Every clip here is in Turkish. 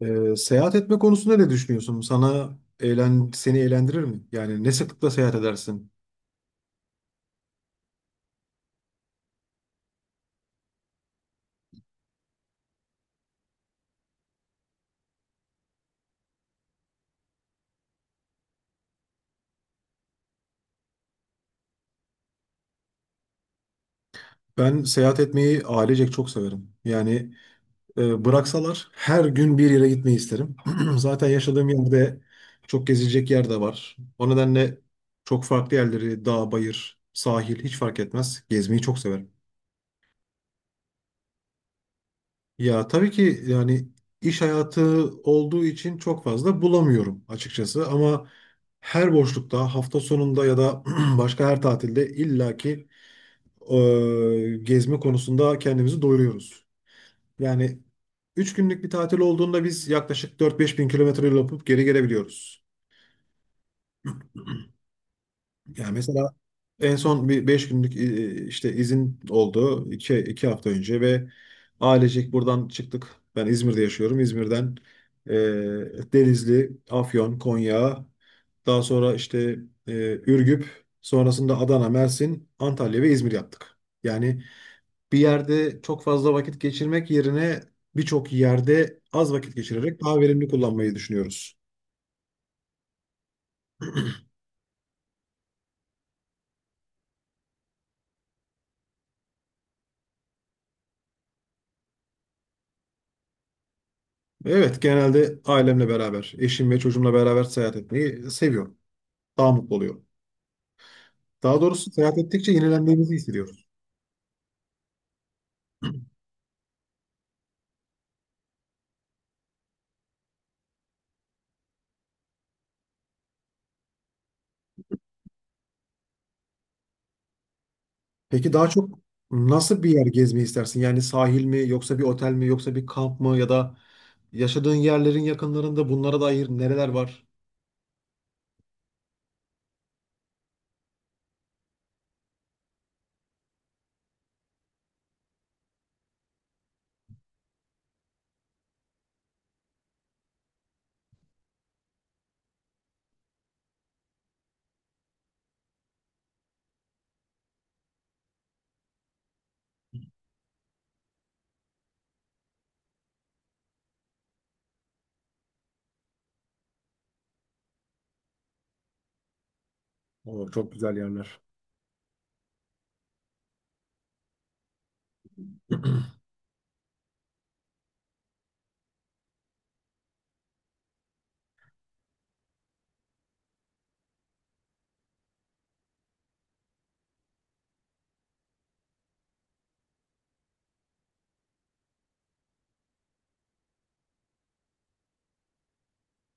Seyahat etme konusunda ne düşünüyorsun? Seni eğlendirir mi? Yani ne sıklıkla seyahat edersin? Ben seyahat etmeyi ailecek çok severim. Yani bıraksalar her gün bir yere gitmeyi isterim. Zaten yaşadığım yerde çok gezilecek yer de var. O nedenle çok farklı yerleri, dağ, bayır, sahil hiç fark etmez. Gezmeyi çok severim. Ya tabii ki, yani iş hayatı olduğu için çok fazla bulamıyorum açıkçası, ama her boşlukta, hafta sonunda ya da başka her tatilde illaki gezme konusunda kendimizi doyuruyoruz. Yani 3 günlük bir tatil olduğunda biz yaklaşık 4-5 bin kilometre yol yapıp geri gelebiliyoruz. Yani mesela en son bir 5 günlük işte izin oldu, iki hafta önce ve ailecek buradan çıktık. Ben İzmir'de yaşıyorum. İzmir'den e, Denizli, Afyon, Konya, daha sonra işte Ürgüp, sonrasında Adana, Mersin, Antalya ve İzmir yaptık. Yani bir yerde çok fazla vakit geçirmek yerine birçok yerde az vakit geçirerek daha verimli kullanmayı düşünüyoruz. Evet, genelde ailemle beraber, eşim ve çocuğumla beraber seyahat etmeyi seviyorum. Daha mutlu oluyorum. Daha doğrusu seyahat ettikçe yenilendiğimizi hissediyoruz. Peki daha çok nasıl bir yer gezmeyi istersin? Yani sahil mi, yoksa bir otel mi, yoksa bir kamp mı, ya da yaşadığın yerlerin yakınlarında bunlara dair nereler var? Oo, çok güzel yerler.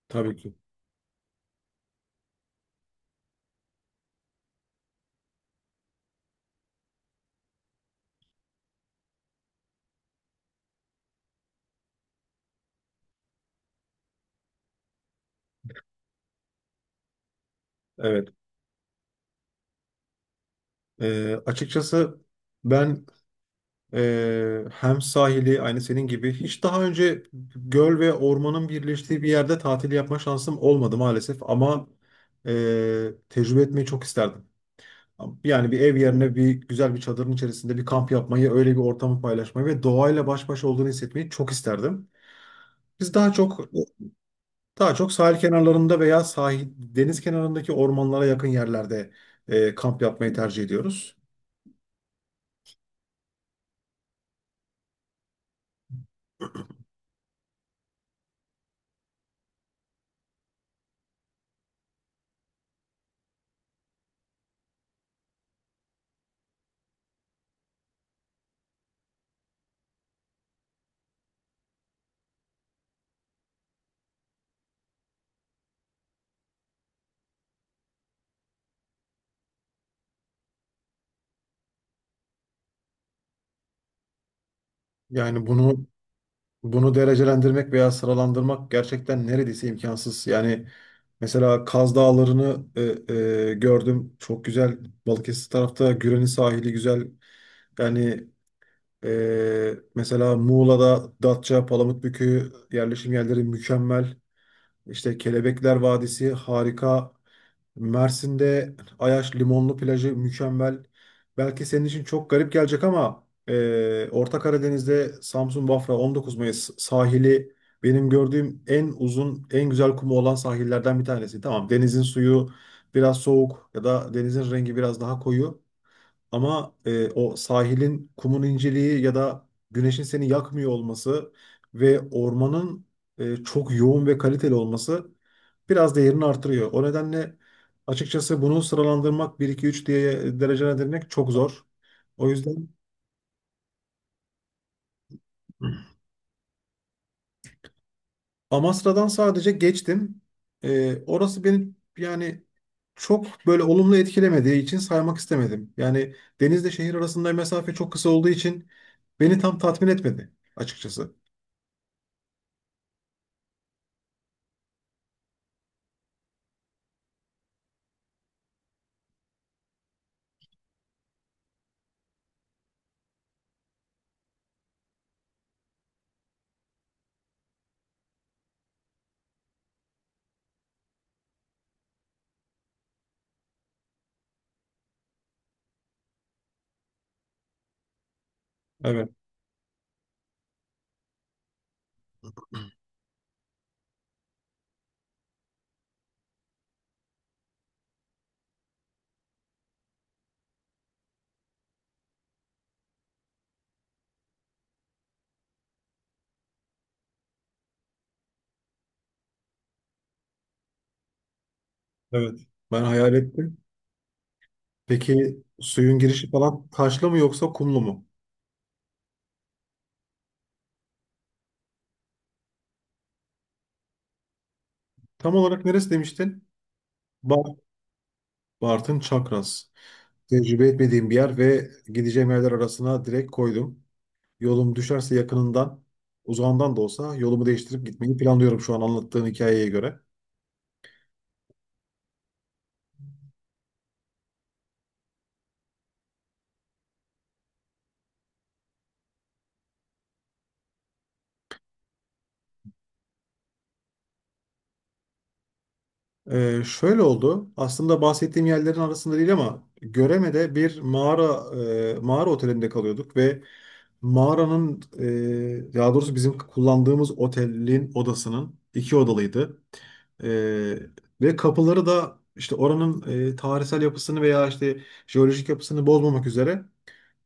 Tabii ki. Evet. Açıkçası ben hem sahili aynı senin gibi, hiç daha önce göl ve ormanın birleştiği bir yerde tatil yapma şansım olmadı maalesef, ama tecrübe etmeyi çok isterdim. Yani bir ev yerine bir güzel bir çadırın içerisinde bir kamp yapmayı, öyle bir ortamı paylaşmayı ve doğayla baş başa olduğunu hissetmeyi çok isterdim. Biz daha çok, daha çok sahil kenarlarında veya sahil, deniz kenarındaki ormanlara yakın yerlerde kamp yapmayı tercih ediyoruz. Yani bunu Bunu derecelendirmek veya sıralandırmak gerçekten neredeyse imkansız. Yani mesela Kaz Dağları'nı e, gördüm. Çok güzel. Balıkesir tarafta Güren'in sahili güzel. Yani mesela Muğla'da Datça, Palamutbükü yerleşim yerleri mükemmel. İşte Kelebekler Vadisi harika. Mersin'de Ayaş Limonlu plajı mükemmel. Belki senin için çok garip gelecek, ama Orta Karadeniz'de Samsun Bafra 19 Mayıs sahili benim gördüğüm en uzun, en güzel kumu olan sahillerden bir tanesi. Tamam, denizin suyu biraz soğuk ya da denizin rengi biraz daha koyu. Ama o sahilin kumun inceliği ya da güneşin seni yakmıyor olması ve ormanın çok yoğun ve kaliteli olması biraz değerini artırıyor. O nedenle açıkçası bunu sıralandırmak, bir iki üç diye derecelendirmek çok zor. O yüzden Amasra'dan sadece geçtim. Orası beni, yani çok böyle olumlu etkilemediği için saymak istemedim. Yani denizle şehir arasında mesafe çok kısa olduğu için beni tam tatmin etmedi açıkçası. Evet. Evet. Ben hayal ettim. Peki suyun girişi falan taşlı mı yoksa kumlu mu? Tam olarak neresi demiştin? Bart, Bartın Çakras. Tecrübe etmediğim bir yer ve gideceğim yerler arasına direkt koydum. Yolum düşerse yakınından, uzağından da olsa yolumu değiştirip gitmeyi planlıyorum şu an anlattığın hikayeye göre. Şöyle oldu. Aslında bahsettiğim yerlerin arasında değil, ama Göreme'de bir mağara, mağara otelinde kalıyorduk ve mağaranın, daha doğrusu bizim kullandığımız otelin odasının iki odalıydı. E, ve kapıları da işte oranın tarihsel yapısını veya işte jeolojik yapısını bozmamak üzere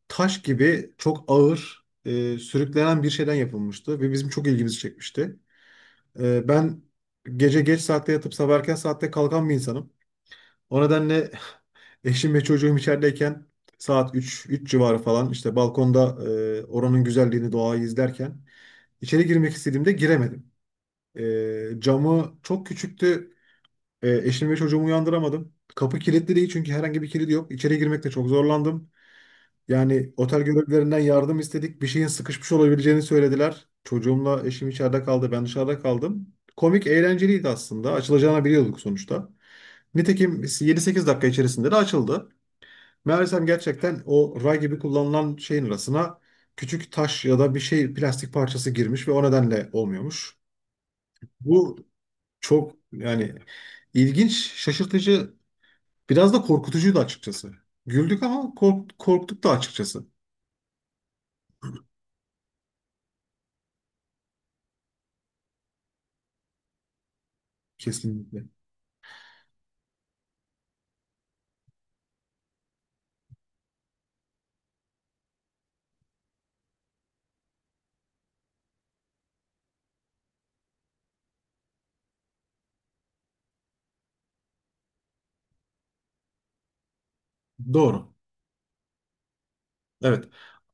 taş gibi çok ağır, sürüklenen bir şeyden yapılmıştı ve bizim çok ilgimizi çekmişti. Ben gece geç saatte yatıp sabah erken saatte kalkan bir insanım. O nedenle eşim ve çocuğum içerideyken saat 3, 3 civarı falan işte balkonda oranın güzelliğini, doğayı izlerken içeri girmek istediğimde giremedim. Camı çok küçüktü. Eşim ve çocuğumu uyandıramadım. Kapı kilitli değil, çünkü herhangi bir kilidi yok. İçeri girmekte çok zorlandım. Yani otel görevlilerinden yardım istedik. Bir şeyin sıkışmış olabileceğini söylediler. Çocuğumla eşim içeride kaldı. Ben dışarıda kaldım. Komik, eğlenceliydi aslında. Açılacağını biliyorduk sonuçta. Nitekim 7-8 dakika içerisinde de açıldı. Meğersem gerçekten o ray gibi kullanılan şeyin arasına küçük taş ya da bir şey, plastik parçası girmiş ve o nedenle olmuyormuş. Bu çok, yani ilginç, şaşırtıcı, biraz da korkutucuydu açıkçası. Güldük ama korktuk da açıkçası. Kesinlikle. Doğru. Evet.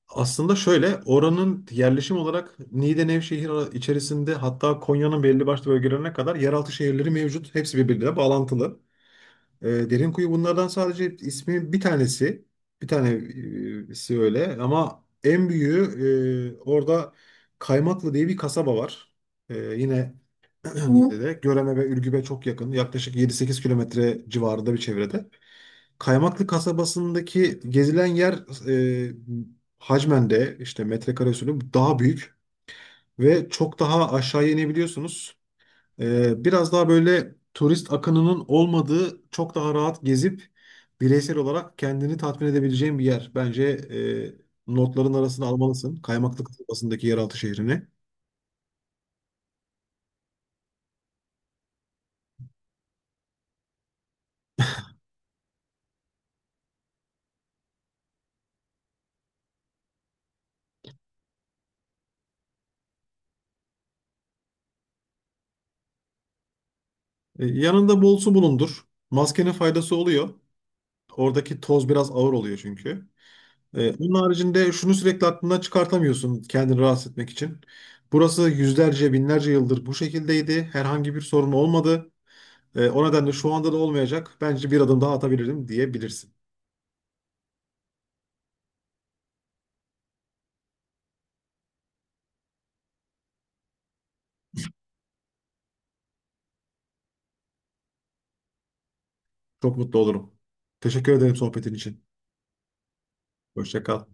Aslında şöyle, oranın yerleşim olarak Niğde Nevşehir içerisinde, hatta Konya'nın belli başlı bölgelerine kadar yeraltı şehirleri mevcut. Hepsi birbirine bağlantılı. Derinkuyu bunlardan sadece ismi bir tanesi. Bir tanesi öyle, ama en büyüğü orada Kaymaklı diye bir kasaba var. Yine Hı. Niğde'de. Göreme ve Ürgüp'e çok yakın. Yaklaşık 7-8 kilometre civarında bir çevrede. Kaymaklı kasabasındaki gezilen yer e, hacmende işte metrekare usulü daha büyük ve çok daha aşağı inebiliyorsunuz. Biraz daha böyle turist akınının olmadığı, çok daha rahat gezip bireysel olarak kendini tatmin edebileceğin bir yer. Bence notların arasına almalısın Kaymaklı kasabasındaki yeraltı şehrini. Yanında bol su bulundur. Maskenin faydası oluyor. Oradaki toz biraz ağır oluyor çünkü. Onun haricinde şunu sürekli aklından çıkartamıyorsun kendini rahatsız etmek için. Burası yüzlerce, binlerce yıldır bu şekildeydi. Herhangi bir sorun olmadı. O nedenle şu anda da olmayacak. Bence bir adım daha atabilirim diyebilirsin. Çok mutlu olurum. Teşekkür ederim sohbetin için. Hoşça kal.